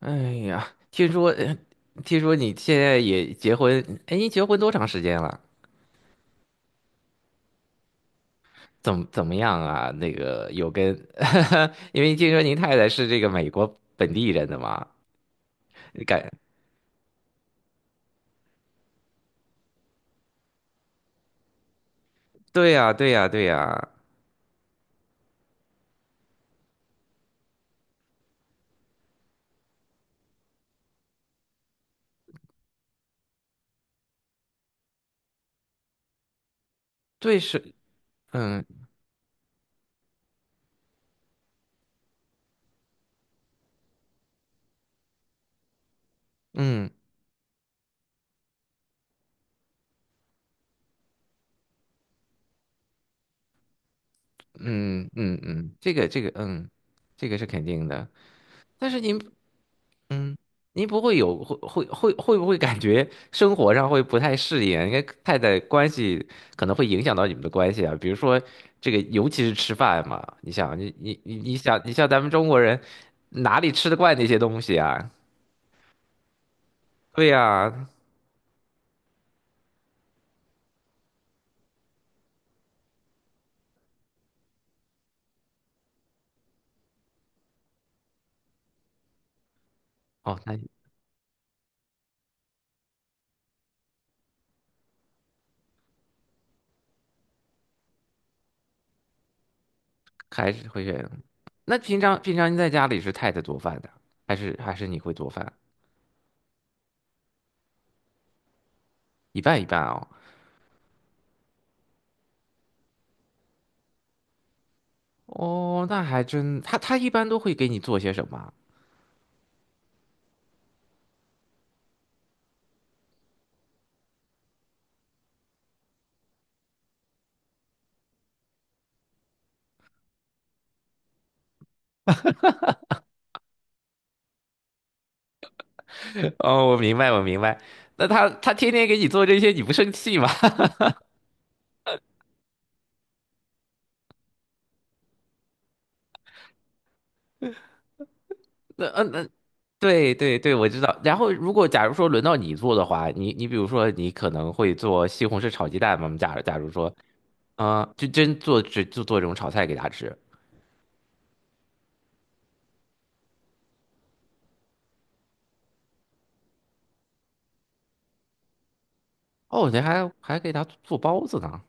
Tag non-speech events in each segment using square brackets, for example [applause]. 哎呀，听说你现在也结婚，哎，你结婚多长时间了？怎么样啊？那个有跟，[laughs] 因为听说您太太是这个美国本地人的嘛，你感，对呀，对呀，对呀，对是，嗯嗯嗯嗯嗯，这个，嗯，这个是肯定的。但是您不会有会会会会不会感觉生活上会不太适应啊？因为太太关系可能会影响到你们的关系啊，比如说这个，尤其是吃饭嘛，你想，你像咱们中国人哪里吃得惯那些东西啊？对呀，哦，那还是会选。那平常您在家里是太太做饭的，还是你会做饭？一半一半哦。哦，那还真，他一般都会给你做些什么啊。哦，我明白，我明白。那他天天给你做这些，你不生气吗？[laughs] 那，对对对，我知道。然后如果假如说轮到你做的话，你比如说你可能会做西红柿炒鸡蛋嘛？假如说，就做这种炒菜给他吃。哦，你还给他做包子呢。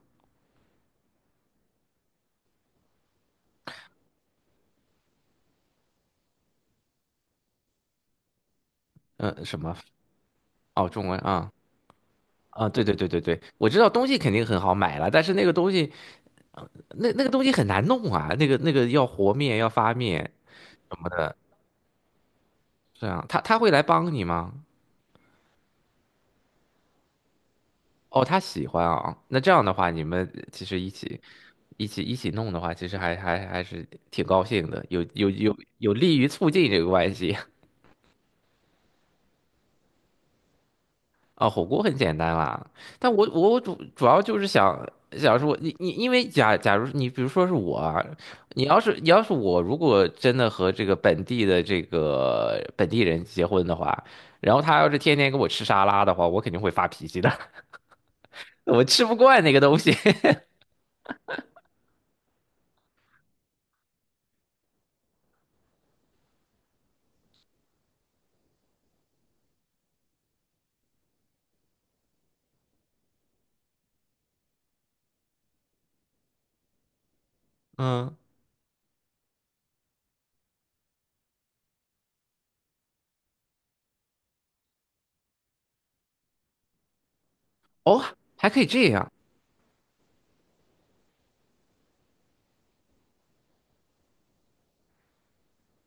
嗯、什么？哦，中文啊，对对对对对，我知道东西肯定很好买了，但是那个东西那个东西很难弄啊，那个要和面要发面什么的，这样他会来帮你吗？哦，他喜欢啊，那这样的话，你们其实一起弄的话，其实还是挺高兴的，有利于促进这个关系 [laughs] 啊。火锅很简单啦，但我主要就是想说，你因为假如你比如说是我啊，你要是我如果真的和这个本地的这个本地人结婚的话，然后他要是天天给我吃沙拉的话，我肯定会发脾气的，[laughs] 我吃不惯那个东西。[laughs] 嗯，哦，还可以这样。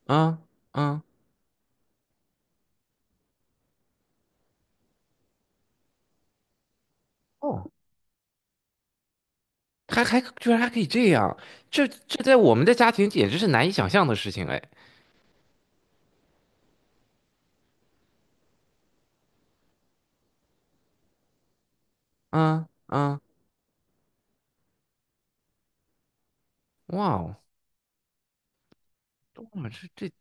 啊啊，哦，还居然还可以这样，这在我们的家庭简直是难以想象的事情哎！啊啊，哇哦，我们这这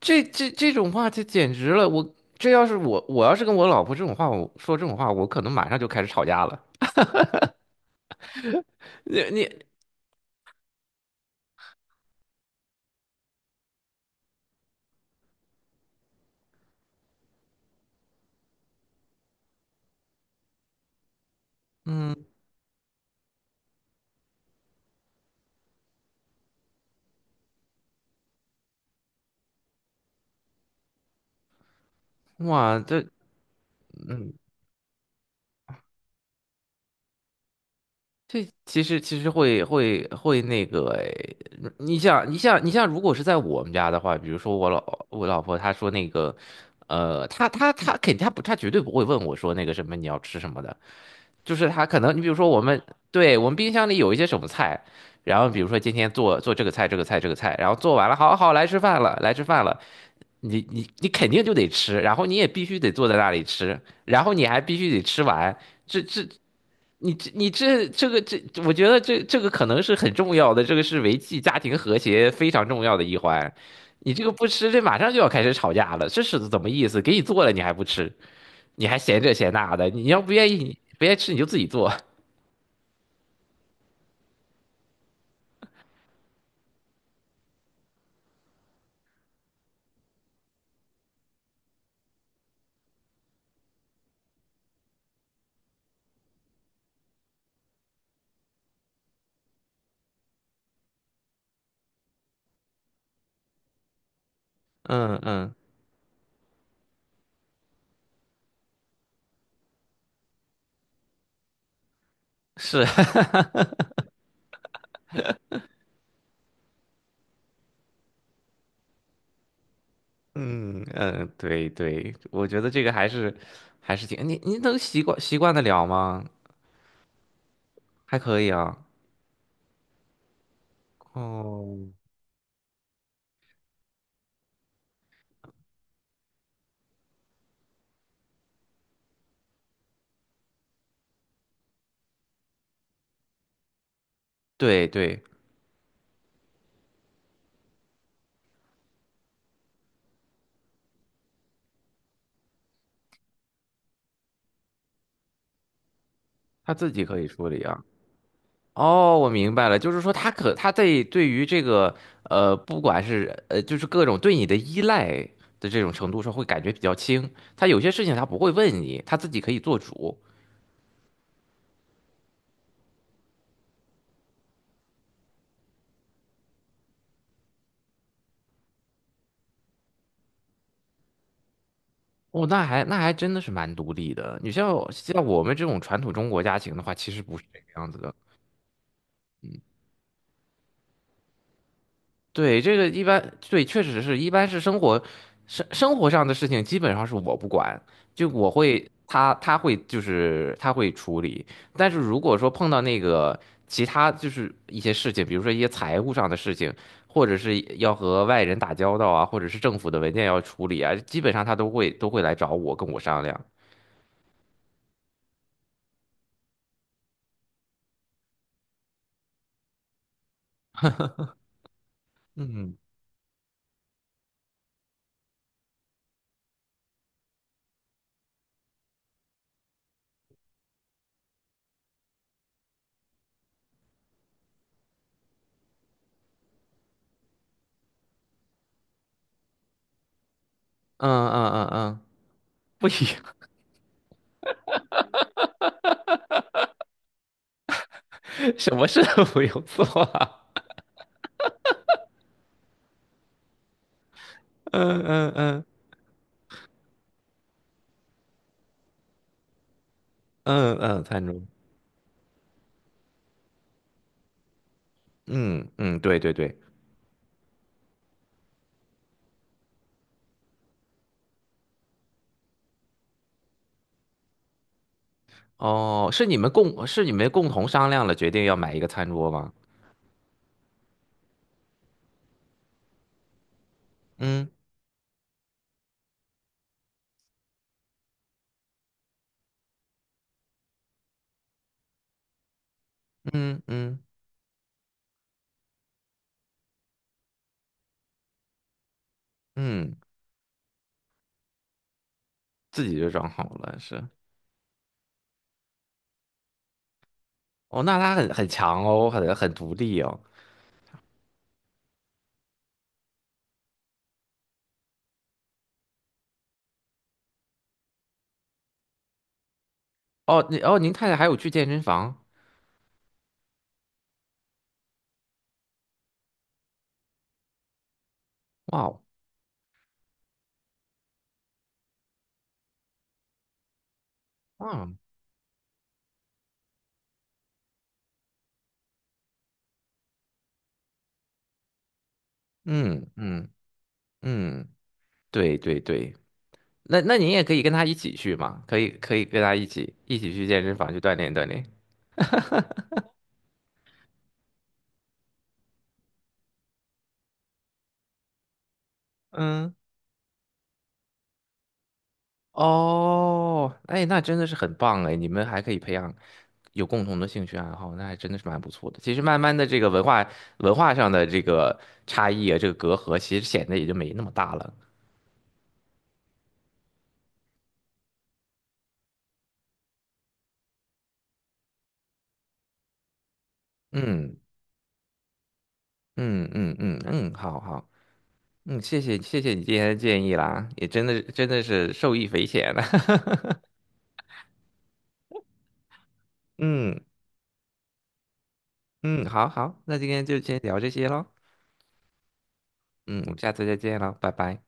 这这这种话，这简直了！我这要是我要是跟我老婆这种话，我说这种话，我可能马上就开始吵架了。你你嗯，哇，这嗯。这其实会会会那个诶，你像，如果是在我们家的话，比如说我老婆她说那个，她肯定她绝对不会问我说那个什么你要吃什么的，就是她可能你比如说我们，对，我们冰箱里有一些什么菜，然后比如说今天做做这个菜这个菜这个菜，然后做完了，好好来吃饭了来吃饭了，你肯定就得吃，然后你也必须得坐在那里吃，然后你还必须得吃完。这这你这你这这个这，我觉得这个可能是很重要的，这个是维系家庭和谐非常重要的一环。你这个不吃，这马上就要开始吵架了，这是怎么意思？给你做了你还不吃，你还嫌这嫌那的，你要不愿意，你不愿意吃你就自己做。嗯嗯，是，[laughs] 嗯嗯，对对，我觉得这个还是挺你能习惯得了吗？还可以啊。哦，对对，他自己可以处理啊。哦，我明白了，就是说他在对于这个，不管是就是各种对你的依赖的这种程度上，会感觉比较轻。他有些事情他不会问你，他自己可以做主。哦，那还真的是蛮独立的。你像我们这种传统中国家庭的话，其实不是这个样子的。对，这个一般，对，确实是一般是生活生活上的事情，基本上是我不管，就我会他会就是他会处理，但是如果说碰到那个其他就是一些事情，比如说一些财务上的事情，或者是要和外人打交道啊，或者是政府的文件要处理啊，基本上他都会来找我跟我商量。嗯嗯嗯嗯嗯，不一样 [laughs] 什么事都不用做啊。嗯嗯嗯嗯嗯，餐桌。嗯嗯，对对对。哦，是你们共同商量了决定要买一个餐桌吗？嗯嗯嗯嗯，自己就装好了，是。哦，那他很强哦，很独立哦。哦，您太太还有去健身房？哇哦，哇，嗯嗯嗯，对对对，那您也可以跟他一起去嘛，可以跟他一起去健身房去锻炼锻炼。嗯。哦，哎，那真的是很棒哎，你们还可以培养有共同的兴趣爱好，那还真的是蛮不错的。其实慢慢的，这个文化上的这个差异啊，这个隔阂，其实显得也就没那么大了。嗯嗯嗯嗯嗯，好好，嗯，谢谢谢谢你今天的建议啦，也真的真的是受益匪浅了。[laughs] 嗯嗯，好好，那今天就先聊这些喽。嗯，我们下次再见喽，拜拜。